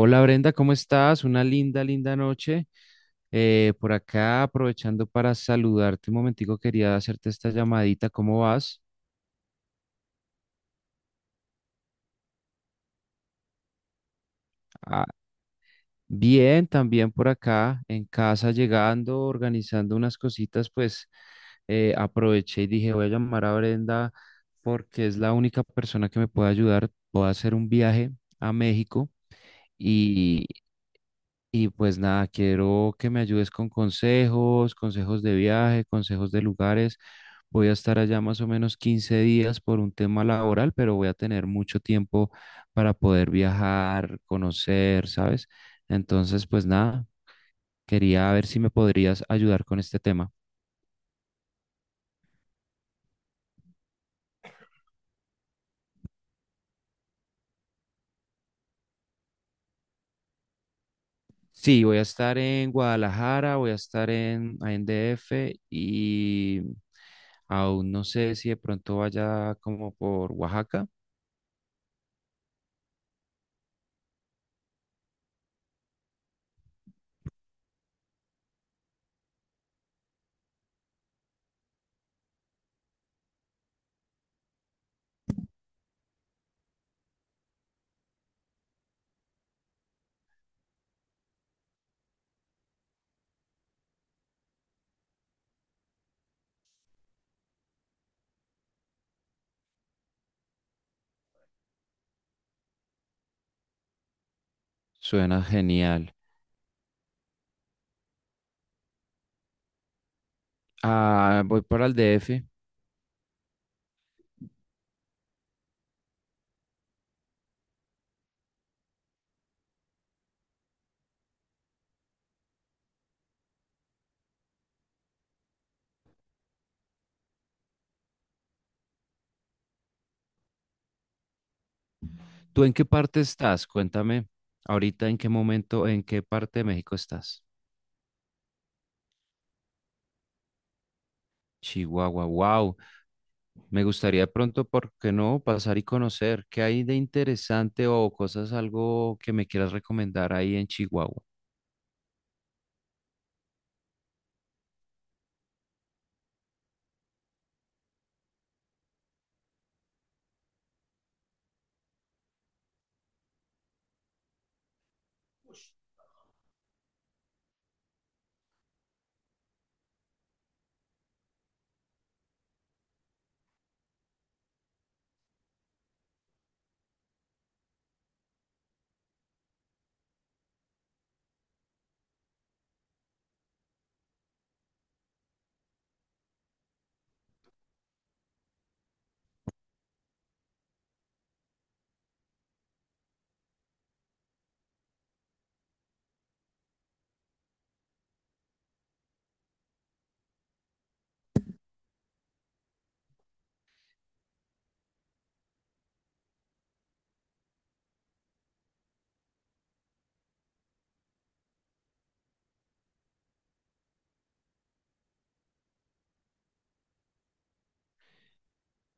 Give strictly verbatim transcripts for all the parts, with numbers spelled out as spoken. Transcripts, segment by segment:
Hola Brenda, ¿cómo estás? Una linda, linda noche. Eh, por acá, aprovechando para saludarte un momentico, quería hacerte esta llamadita. ¿Cómo vas? Ah, bien, también por acá, en casa, llegando, organizando unas cositas, pues eh, aproveché y dije, voy a llamar a Brenda porque es la única persona que me puede ayudar. Puedo hacer un viaje a México. Y pues nada, quiero que me ayudes con consejos, consejos de viaje, consejos de lugares. Voy a estar allá más o menos quince días por un tema laboral, pero voy a tener mucho tiempo para poder viajar, conocer, ¿sabes? Entonces, pues nada, quería ver si me podrías ayudar con este tema. Sí, voy a estar en Guadalajara, voy a estar en, ahí en D F, y aún no sé si de pronto vaya como por Oaxaca. Suena genial. Ah, voy para el D F. ¿Tú en qué parte estás? Cuéntame ahorita en qué momento, en qué parte de México estás. Chihuahua, wow. Me gustaría de pronto, ¿por qué no? Pasar y conocer qué hay de interesante o cosas, algo que me quieras recomendar ahí en Chihuahua.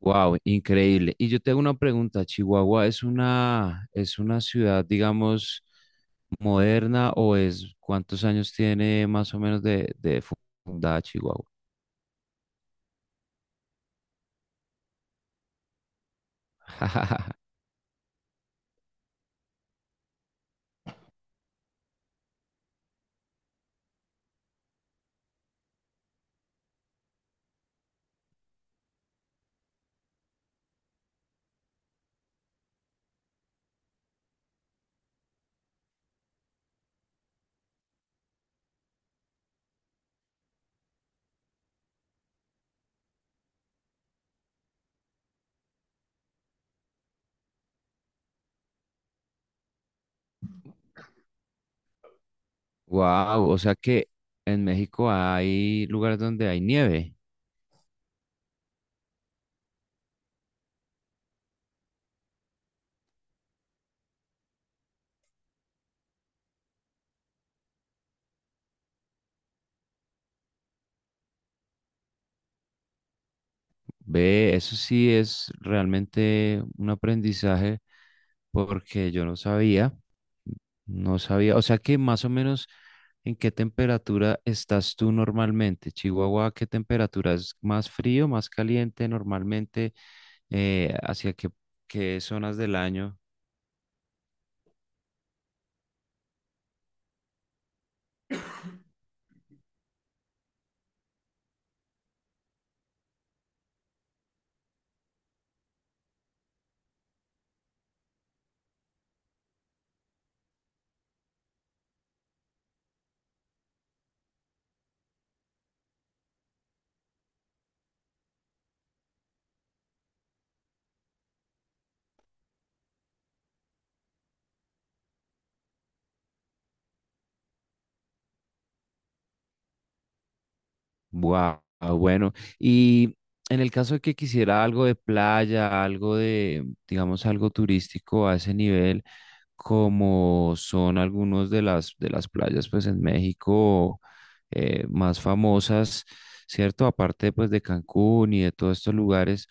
Wow, increíble. Y yo tengo una pregunta, ¿Chihuahua es una, es una ciudad, digamos, moderna o es cuántos años tiene más o menos de, de fu- fundada Chihuahua? Wow, o sea que en México hay lugares donde hay nieve. Ve, eso sí es realmente un aprendizaje porque yo no sabía. No sabía, o sea que más o menos en qué temperatura estás tú normalmente, Chihuahua, ¿qué temperatura es más frío, más caliente normalmente? Eh, ¿hacia qué, qué zonas del año? Wow, bueno. Y en el caso de que quisiera algo de playa, algo de, digamos, algo turístico a ese nivel, como son algunos de las de las playas, pues en México eh, más famosas, ¿cierto? Aparte, pues de Cancún y de todos estos lugares.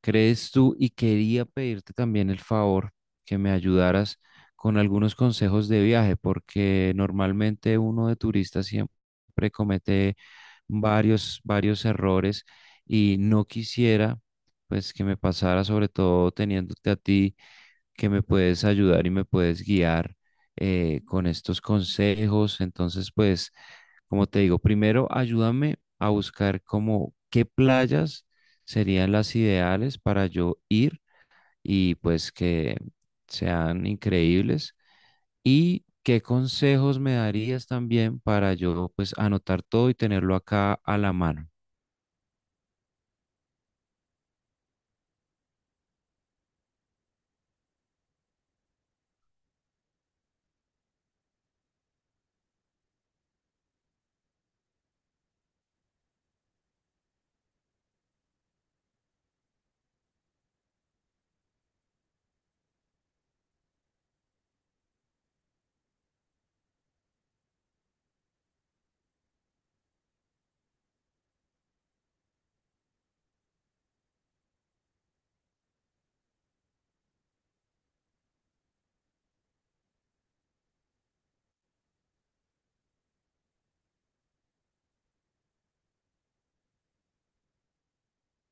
¿Crees tú? Y quería pedirte también el favor que me ayudaras con algunos consejos de viaje, porque normalmente uno de turista siempre comete varios, varios errores y no quisiera pues que me pasara, sobre todo teniéndote a ti que me puedes ayudar y me puedes guiar eh, con estos consejos. Entonces, pues, como te digo, primero ayúdame a buscar como qué playas serían las ideales para yo ir y pues que sean increíbles. Y qué consejos me darías también para yo pues anotar todo y tenerlo acá a la mano.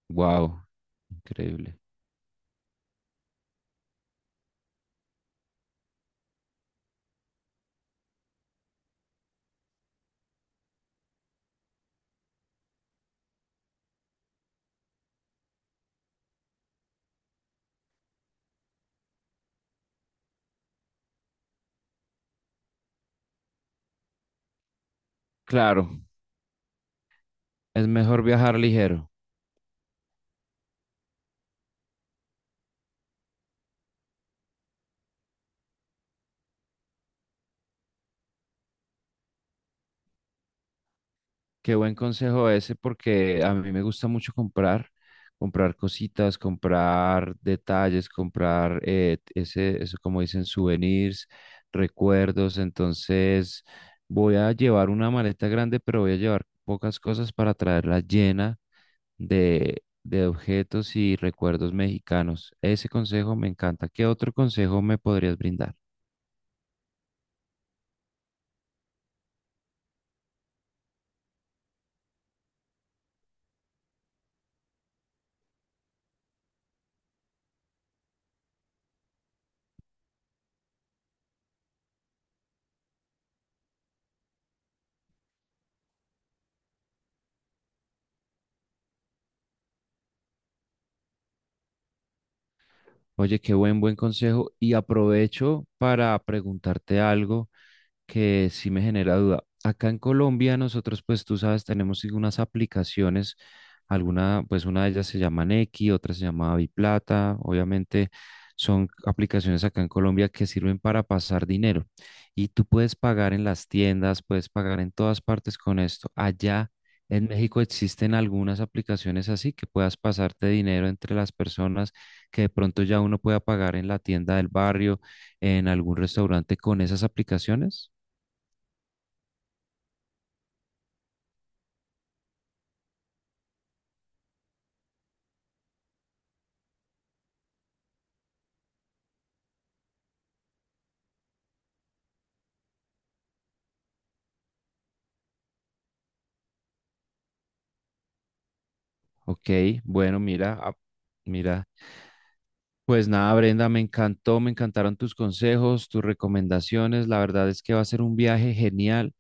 Wow, increíble. Claro, es mejor viajar ligero. Qué buen consejo ese porque a mí me gusta mucho comprar, comprar cositas, comprar detalles, comprar eh, ese, eso como dicen, souvenirs, recuerdos. Entonces voy a llevar una maleta grande, pero voy a llevar pocas cosas para traerla llena de, de objetos y recuerdos mexicanos. Ese consejo me encanta. ¿Qué otro consejo me podrías brindar? Oye, qué buen, buen consejo. Y aprovecho para preguntarte algo que sí me genera duda. Acá en Colombia nosotros, pues tú sabes, tenemos sí unas aplicaciones, alguna, pues una de ellas se llama Nequi, otra se llama Biplata, obviamente son aplicaciones acá en Colombia que sirven para pasar dinero y tú puedes pagar en las tiendas, puedes pagar en todas partes con esto. Allá en México existen algunas aplicaciones así que puedas pasarte dinero entre las personas que de pronto ya uno pueda pagar en la tienda del barrio, en algún restaurante con esas aplicaciones. Ok, bueno, mira, ah, mira. Pues nada, Brenda, me encantó, me encantaron tus consejos, tus recomendaciones. La verdad es que va a ser un viaje genial.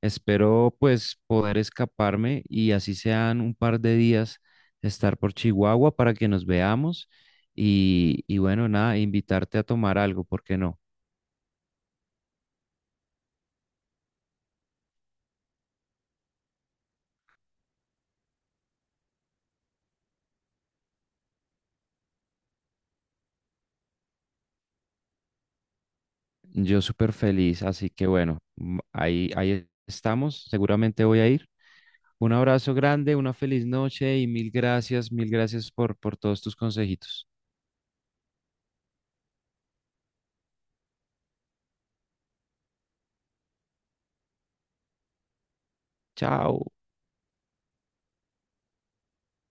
Espero pues poder escaparme y así sean un par de días estar por Chihuahua para que nos veamos y, y bueno, nada, invitarte a tomar algo, ¿por qué no? Yo súper feliz, así que bueno, mm, ahí, ahí estamos, seguramente voy a ir. Un abrazo grande, una feliz noche y mil gracias, mil gracias por, por todos tus consejitos. Chao.